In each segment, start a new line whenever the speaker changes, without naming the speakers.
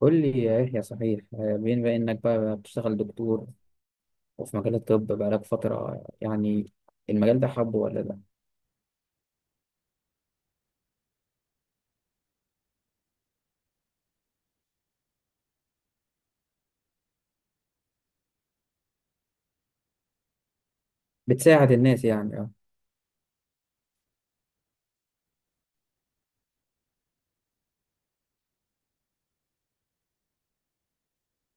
قول لي يا يحيى، صحيح؟ بما انك بقى بتشتغل دكتور وفي مجال الطب بقالك فترة، يعني المجال ده حبه ولا لا؟ بتساعد الناس يعني، اه.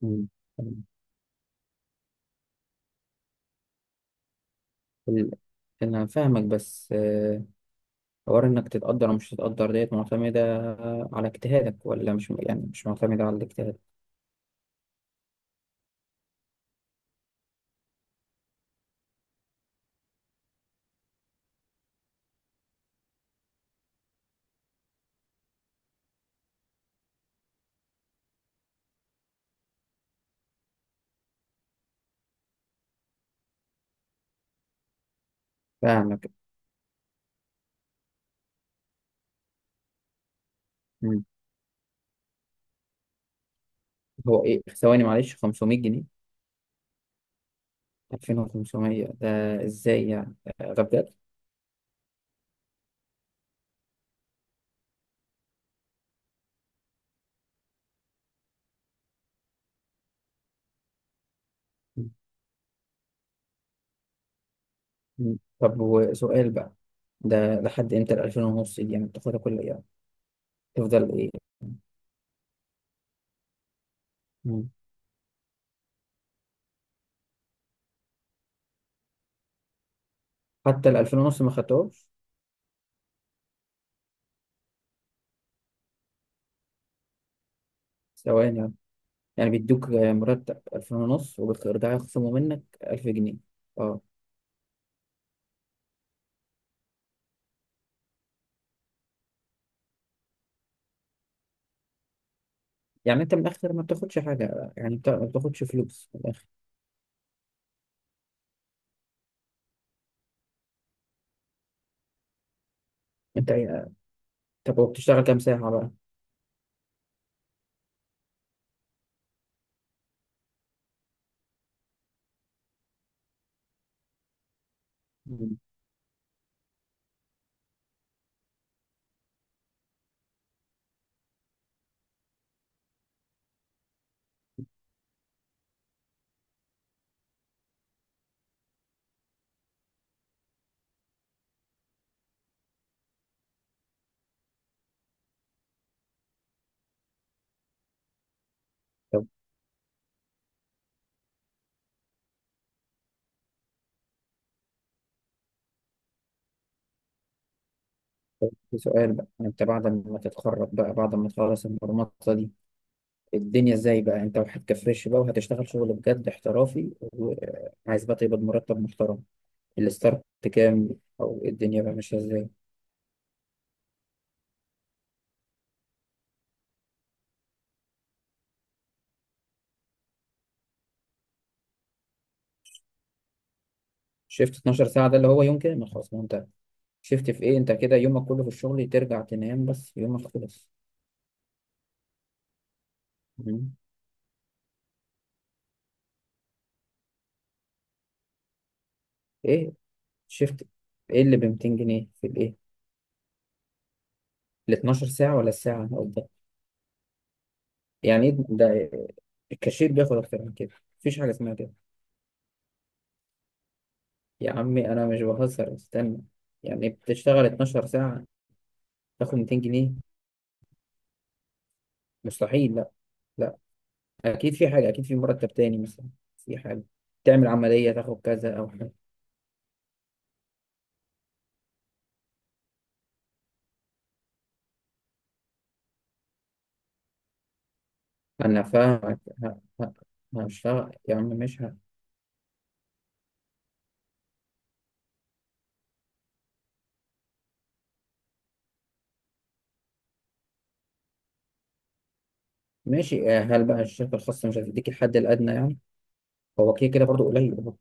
مم. ال- انا فاهمك، بس حوار انك تتقدر ومش تتقدر ديت معتمدة على اجتهادك، ولا مش، يعني مش معتمدة على الاجتهاد. فاهمك. مم. هو ايه؟ ثواني معلش، 500 جنيه؟ 2500 ده ازاي يعني؟ ده بجد؟ مم. طب وسؤال بقى، ده لحد امتى ال 2000 ونص دي؟ يعني بتاخدها كل ايام؟ تفضل ايه؟ مم. حتى ال 2000 ونص ما خدتهاش؟ ثواني يعني بيدوك مرتب 2000 ونص وبيرجعوا يخصموا منك 1000 جنيه؟ اه. يعني انت من الاخر ما بتاخدش حاجه؟ يعني انت ما بتاخدش فلوس من الاخر؟ انت إيه- طب وبتشتغل كام ساعه بقى؟ مم. طب في سؤال بقى، يعني انت بعد ما تتخرج بقى، بعد ما تخلص المرمطه دي، الدنيا ازاي بقى؟ انت وحد فريش بقى وهتشتغل شغل بجد احترافي، وعايز بقى تقبض مرتب محترم، الستارت كام؟ او إيه الدنيا بقى ماشيه ازاي؟ شيفت 12 ساعه ده اللي هو يوم كامل، خلاص ما انت شيفت في ايه؟ انت كده يومك كله في الشغل، ترجع تنام بس يومك خلص. مم. ايه شيفت؟ ايه اللي ب 200 جنيه في الايه؟ ال 12 ساعه ولا الساعه أو ده؟ يعني ايه ده؟ الكاشير بياخد اكتر من كده. مفيش حاجه اسمها كده. يا عمي انا مش بهزر، استنى. يعني بتشتغل 12 ساعه تاخد 200 جنيه؟ مستحيل. لا، لا. اكيد في حاجه، اكيد في مرتب تاني مثلا. في حاجه، تعمل عمليه تاخد كذا او حاجه. انا فاهمك. هشتغل يا عم، مش ه... ماشي، هل بقى الشركه الخاصه مش هتديك الحد الادنى يعني؟ هو كده كده برضه قليل برضه.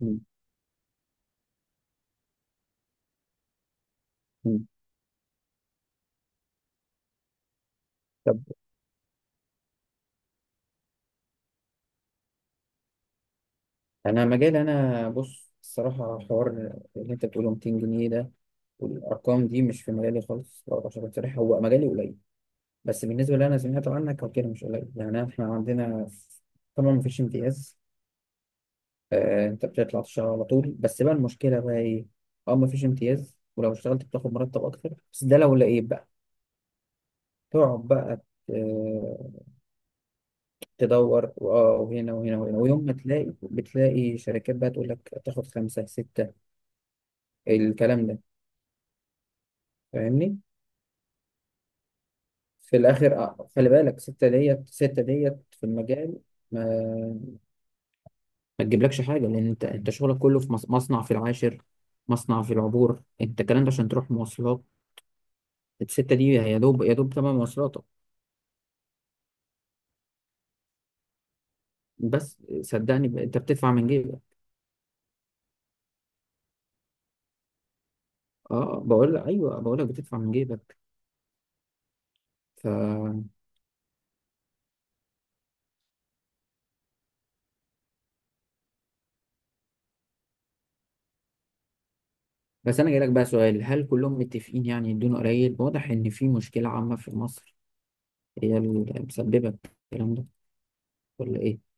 م- م. طب، انا مجال، انا بص الصراحه، حوار اللي انت بتقوله 200 جنيه ده والارقام دي مش في مجالي خالص برضه. عشان أكون صريح، هو مجالي قليل، بس بالنسبه اللي انا سمعته عنك هو كده مش قليل. يعني احنا عندنا طبعا مفيش امتياز، انت بتطلع تشتغل على طول، بس بقى المشكله بقى ايه؟ اه، مفيش امتياز، ولو اشتغلت بتاخد مرتب اكتر، بس ده لو لقيت بقى. تقعد بقى، آه، تدور، واه، وهنا وهنا وهنا، ويوم ما تلاقي، بتلاقي شركات بقى تقول لك تاخد خمسة ستة، الكلام ده. فاهمني؟ في الاخر خلي بالك، ستة ديت ستة ديت في المجال، ما ما تجيبلكش حاجة، لأن أنت شغلك كله في مصنع في العاشر، مصنع في العبور، أنت الكلام ده عشان تروح مواصلات، الستة دي هي يا دوب يا دوب تمن مواصلاتك. بس صدقني، انت بتدفع من جيبك. اه، بقول لك ايوه، بقول لك بتدفع من جيبك. ف بس انا جايلك بقى سؤال، هل كلهم متفقين يعني يدونا قليل؟ واضح ان في مشكله عامه في مصر هي اللي مسببه الكلام ده ولا ايه؟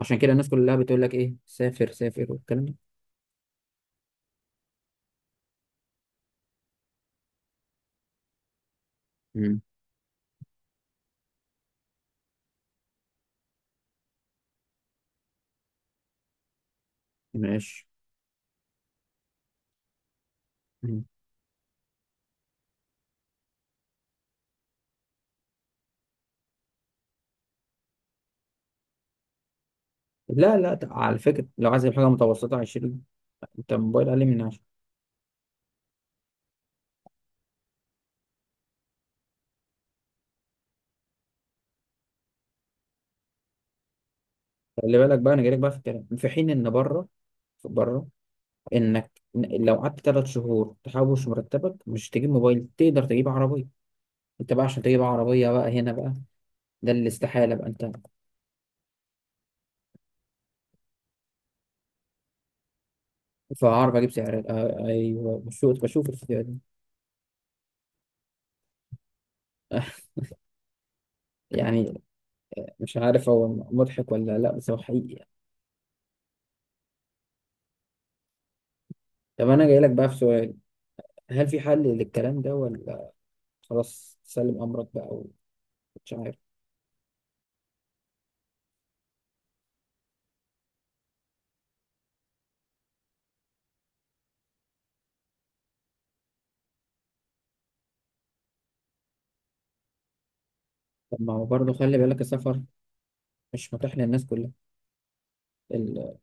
عشان كده الناس كلها بتقول لك ايه، سافر سافر والكلام ده. امم. ماشي. مم. لا، لا على فكره لو عايز حاجه متوسطه 20. انت موبايل اقل من 10؟ خلي بالك بقى، انا جايلك بقى في الكلام، في حين ان بره، بره، انك لو قعدت 3 شهور تحوش مرتبك، مش تجيب موبايل، تقدر تجيب عربيه. انت بقى عشان تجيب عربيه بقى هنا بقى، ده الاستحاله بقى. انت، فعربيه اجيب سعر، ايوه، بشوف، بشوف الفيديو ده. يعني، مش عارف هو مضحك ولا لا، بس هو حقيقي. طب انا جاي لك بقى في سؤال، هل في حل للكلام ده، ولا خلاص سلم امرك بقى ومش عارف؟ طب ما هو برضه خلي بالك، السفر مش متاح للناس كلها. ال...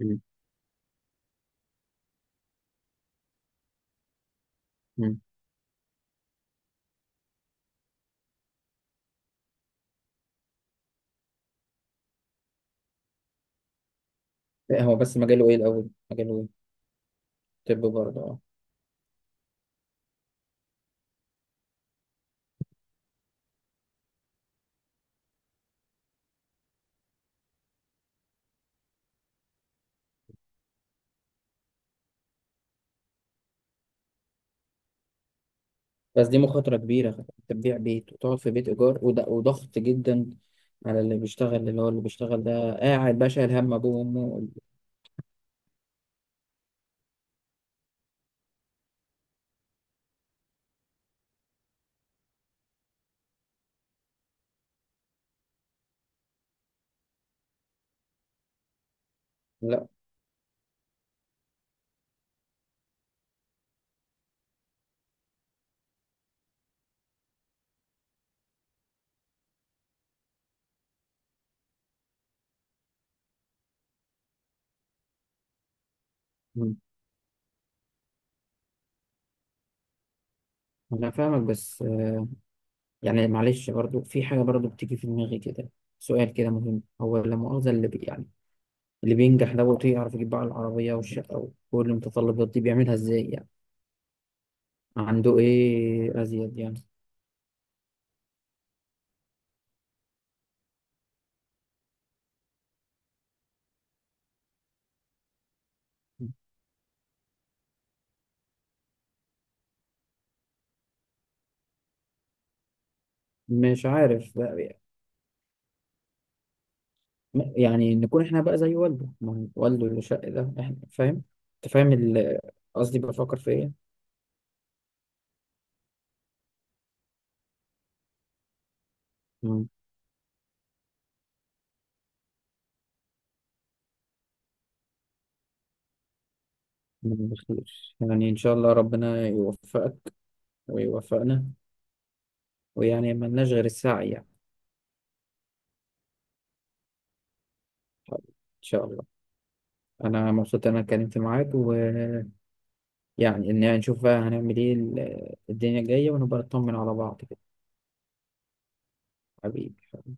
مم. مم. لا، هو بس مجاله ايه الاول؟ مجاله ايه؟ طب برضه، اه. بس دي مخاطرة كبيرة، انت تبيع بيت وتقعد في بيت إيجار، وده وضغط جدا على اللي بيشتغل، اللي هو اللي بيشتغل ده قاعد بقى شايل هم أبوه وأمه. لا. مم. أنا فاهمك، بس يعني معلش برضو في حاجة برضو بتيجي في دماغي كده، سؤال كده مهم. هو لا مؤاخذة، اللي يعني اللي بينجح دوت، يعرف يجيب بقى العربية والشقة وكل المتطلبات دي، بيعملها إزاي يعني؟ عنده إيه أزيد يعني؟ مش عارف بقى. يعني نكون احنا بقى زي والده، ما هو والده اللي شق ده، احنا فاهم، انت فاهم قصدي، بفكر في ايه. مم. مم، بخير يعني ان شاء الله، ربنا يوفقك ويوفقنا. ويعني ما لناش غير السعي يعني. طيب، ان شاء الله. انا مبسوط إن انا اتكلمت معاك، ويعني، يعني نشوف بقى هنعمل ايه الدنيا الجايه، ونبقى نطمن على بعض كده. حبيبي.